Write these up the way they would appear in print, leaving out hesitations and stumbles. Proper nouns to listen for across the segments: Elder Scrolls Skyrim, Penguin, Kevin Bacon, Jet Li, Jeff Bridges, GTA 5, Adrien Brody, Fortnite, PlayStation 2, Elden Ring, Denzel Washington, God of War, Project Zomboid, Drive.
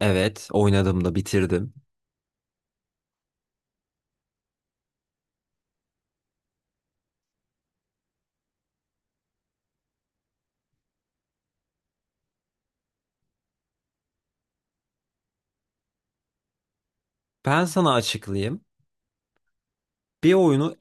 Evet, oynadım da bitirdim. Ben sana açıklayayım. Bir oyunu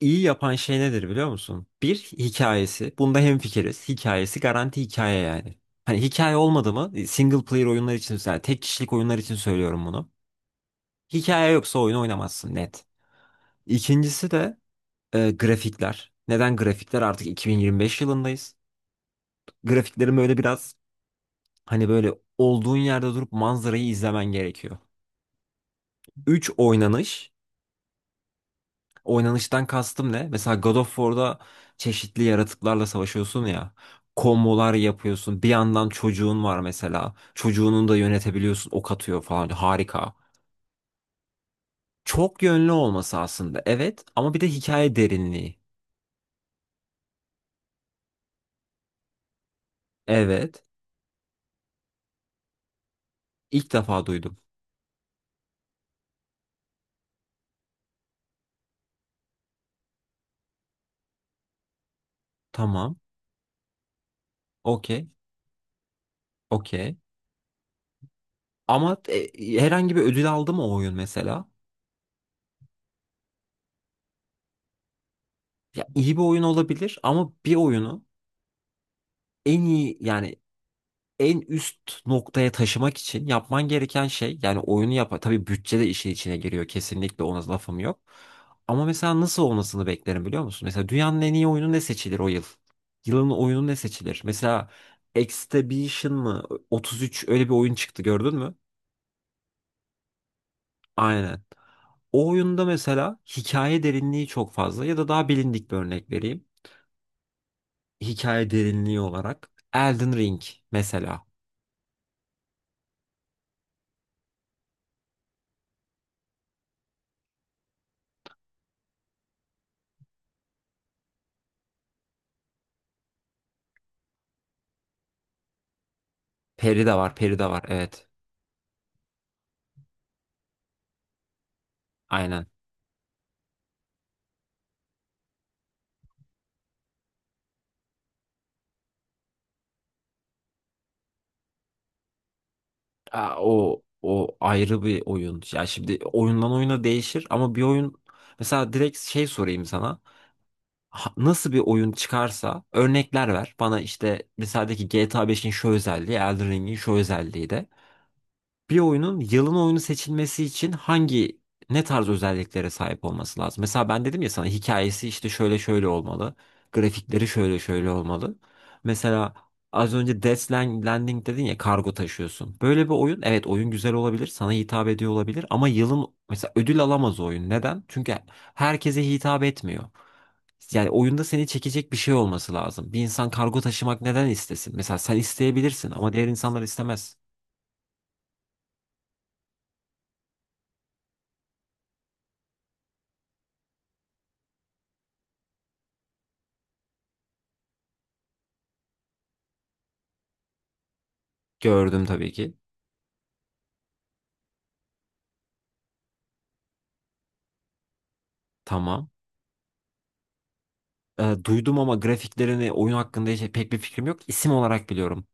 iyi yapan şey nedir biliyor musun? Bir, hikayesi. Bunda hemfikiriz. Hikayesi garanti hikaye yani. Hani hikaye olmadı mı? Single player oyunlar için, yani tek kişilik oyunlar için söylüyorum bunu. Hikaye yoksa oyunu oynamazsın net. İkincisi de grafikler. Neden grafikler? Artık 2025 yılındayız. Grafiklerin böyle biraz hani böyle olduğun yerde durup manzarayı izlemen gerekiyor. Üç, oynanış. Oynanıştan kastım ne? Mesela God of War'da çeşitli yaratıklarla savaşıyorsun ya. Kombolar yapıyorsun. Bir yandan çocuğun var mesela. Çocuğunun da yönetebiliyorsun. Ok atıyor falan. Harika. Çok yönlü olması aslında. Evet, ama bir de hikaye derinliği. Evet. İlk defa duydum. Tamam. Okey. Okey. Ama herhangi bir ödül aldı mı o oyun mesela? Ya iyi bir oyun olabilir ama bir oyunu en iyi yani en üst noktaya taşımak için yapman gereken şey, yani oyunu yap, tabii bütçe de işin içine giriyor kesinlikle, ona lafım yok. Ama mesela nasıl olmasını beklerim biliyor musun? Mesela dünyanın en iyi oyunu ne seçilir o yıl? Yılın oyunu ne seçilir? Mesela Exhibition mı? 33 öyle bir oyun çıktı, gördün mü? Aynen. O oyunda mesela hikaye derinliği çok fazla, ya da daha bilindik bir örnek vereyim. Hikaye derinliği olarak Elden Ring mesela. Peri de var, peri de var, evet. Aynen. Aa, o ayrı bir oyun. Ya şimdi oyundan oyuna değişir, ama bir oyun mesela direkt şey sorayım sana. Nasıl bir oyun çıkarsa örnekler ver. Bana işte mesela de ki GTA 5'in şu özelliği, Elden Ring'in şu özelliği de. Bir oyunun yılın oyunu seçilmesi için hangi ne tarz özelliklere sahip olması lazım? Mesela ben dedim ya sana, hikayesi işte şöyle şöyle olmalı. Grafikleri şöyle şöyle olmalı. Mesela az önce Death Landing dedin ya, kargo taşıyorsun. Böyle bir oyun, evet, oyun güzel olabilir, sana hitap ediyor olabilir, ama yılın mesela ödül alamaz o oyun. Neden? Çünkü herkese hitap etmiyor. Yani oyunda seni çekecek bir şey olması lazım. Bir insan kargo taşımak neden istesin? Mesela sen isteyebilirsin ama diğer insanlar istemez. Gördüm tabii ki. Tamam. Duydum ama grafiklerini, oyun hakkında hiç pek bir fikrim yok. İsim olarak biliyorum.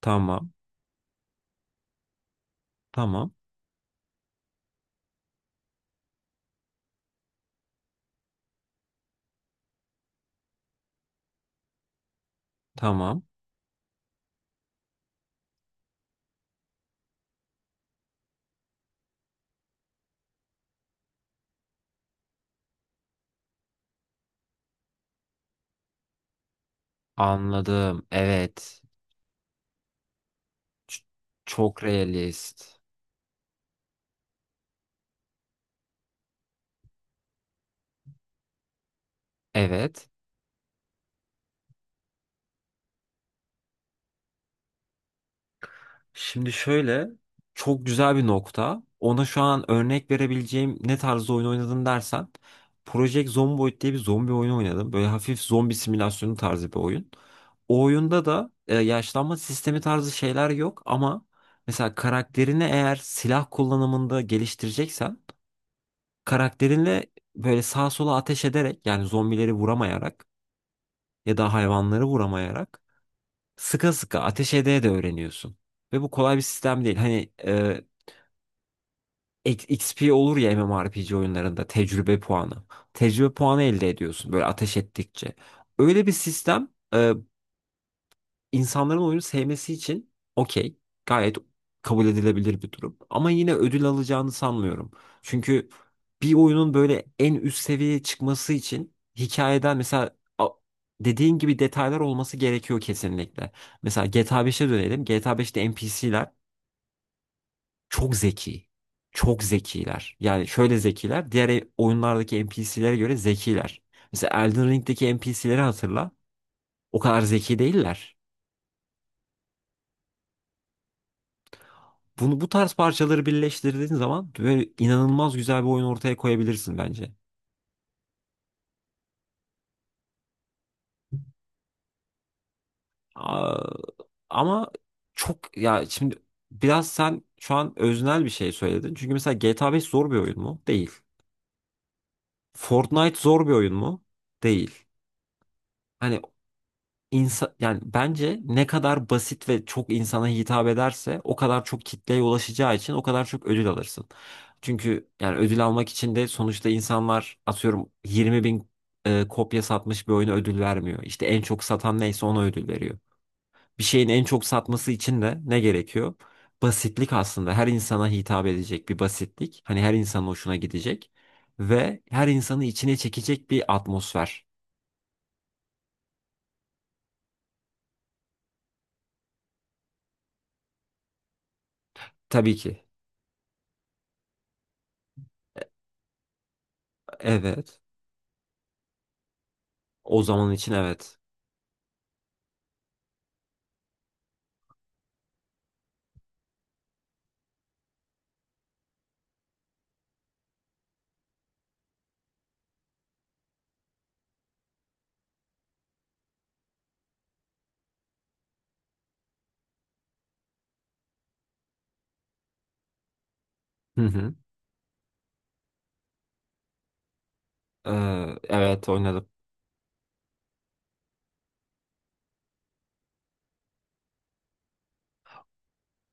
Tamam. Tamam. Tamam. Anladım. Evet. Ç- çok realist. Evet. Şimdi şöyle, çok güzel bir nokta. Ona şu an örnek verebileceğim, ne tarzda oyun oynadın dersen, Project Zomboid diye bir zombi oyunu oynadım. Böyle hafif zombi simülasyonu tarzı bir oyun. O oyunda da yaşlanma sistemi tarzı şeyler yok ama mesela karakterini eğer silah kullanımında geliştireceksen, karakterinle böyle sağa sola ateş ederek, yani zombileri vuramayarak ya da hayvanları vuramayarak, sıka sıka ateş edeye de öğreniyorsun. Ve bu kolay bir sistem değil. Hani XP olur ya MMORPG oyunlarında, tecrübe puanı. Tecrübe puanı elde ediyorsun böyle ateş ettikçe. Öyle bir sistem insanların oyunu sevmesi için okey. Gayet kabul edilebilir bir durum. Ama yine ödül alacağını sanmıyorum. Çünkü bir oyunun böyle en üst seviyeye çıkması için hikayeden mesela, dediğin gibi, detaylar olması gerekiyor kesinlikle. Mesela GTA 5'e dönelim. GTA 5'te NPC'ler çok zeki. Çok zekiler. Yani şöyle zekiler: diğer oyunlardaki NPC'lere göre zekiler. Mesela Elden Ring'deki NPC'leri hatırla. O kadar zeki değiller. Bunu, bu tarz parçaları birleştirdiğin zaman böyle inanılmaz güzel bir oyun ortaya koyabilirsin bence. Aa, ama çok, ya şimdi biraz sen şu an öznel bir şey söyledin. Çünkü mesela GTA 5 zor bir oyun mu? Değil. Fortnite zor bir oyun mu? Değil. Hani yani bence ne kadar basit ve çok insana hitap ederse o kadar çok kitleye ulaşacağı için o kadar çok ödül alırsın. Çünkü yani ödül almak için de sonuçta insanlar, atıyorum, 20 bin kopya satmış bir oyuna ödül vermiyor. İşte en çok satan neyse ona ödül veriyor. Bir şeyin en çok satması için de ne gerekiyor? Basitlik aslında, her insana hitap edecek bir basitlik. Hani her insanın hoşuna gidecek ve her insanı içine çekecek bir atmosfer. Tabii ki. Evet. O zaman için evet. Hı hı. Evet oynadım.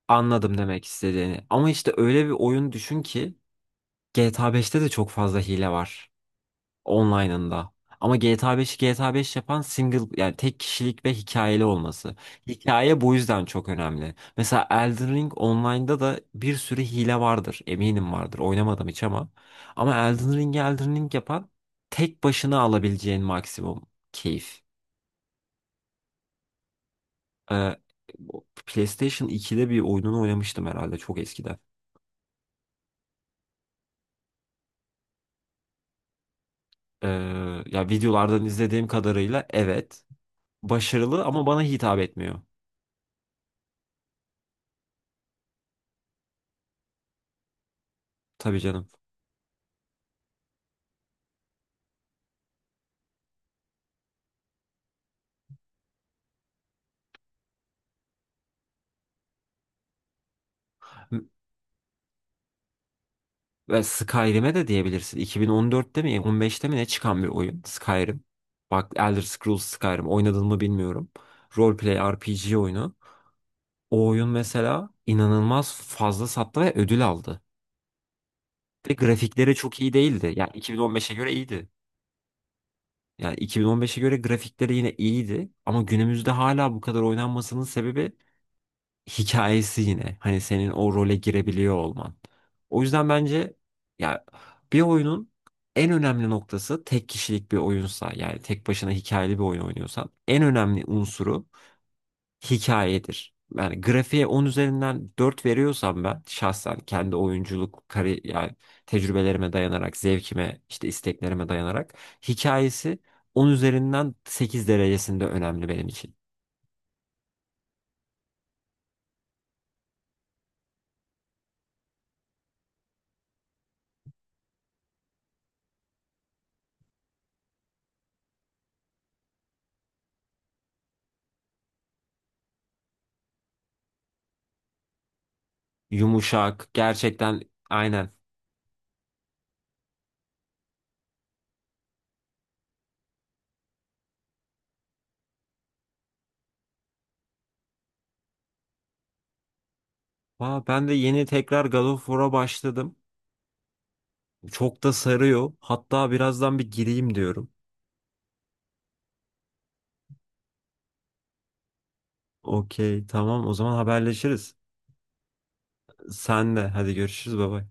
Anladım demek istediğini. Ama işte öyle bir oyun düşün ki, GTA 5'te de çok fazla hile var online'ında. Ama GTA 5'i GTA 5 yapan, single yani tek kişilik ve hikayeli olması. Hikaye bu yüzden çok önemli. Mesela Elden Ring online'da da bir sürü hile vardır. Eminim vardır. Oynamadım hiç ama. Ama Elden Ring'i Elden Ring yapan, tek başına alabileceğin maksimum keyif. Ee, PlayStation 2'de bir oyununu oynamıştım herhalde, çok eskiden. Ee, ya videolardan izlediğim kadarıyla evet, başarılı ama bana hitap etmiyor. Tabii canım. M- Ve Skyrim'e de diyebilirsin. 2014'te mi 15'te mi ne çıkan bir oyun Skyrim. Bak, Elder Scrolls Skyrim oynadın mı bilmiyorum. Roleplay RPG oyunu. O oyun mesela inanılmaz fazla sattı ve ödül aldı. Ve grafikleri çok iyi değildi. Yani 2015'e göre iyiydi. Yani 2015'e göre grafikleri yine iyiydi, ama günümüzde hala bu kadar oynanmasının sebebi hikayesi yine. Hani senin o role girebiliyor olman. O yüzden bence, ya, bir oyunun en önemli noktası, tek kişilik bir oyunsa yani tek başına hikayeli bir oyun oynuyorsan, en önemli unsuru hikayedir. Yani grafiğe 10 üzerinden 4 veriyorsam ben, şahsen kendi oyunculuk yani tecrübelerime dayanarak, zevkime, işte isteklerime dayanarak, hikayesi 10 üzerinden 8 derecesinde önemli benim için. Yumuşak, gerçekten aynen. Aa, ben de yeni tekrar God of War'a başladım. Çok da sarıyor. Hatta birazdan bir gireyim diyorum. Okey, tamam, o zaman haberleşiriz. Sen de hadi, görüşürüz baba.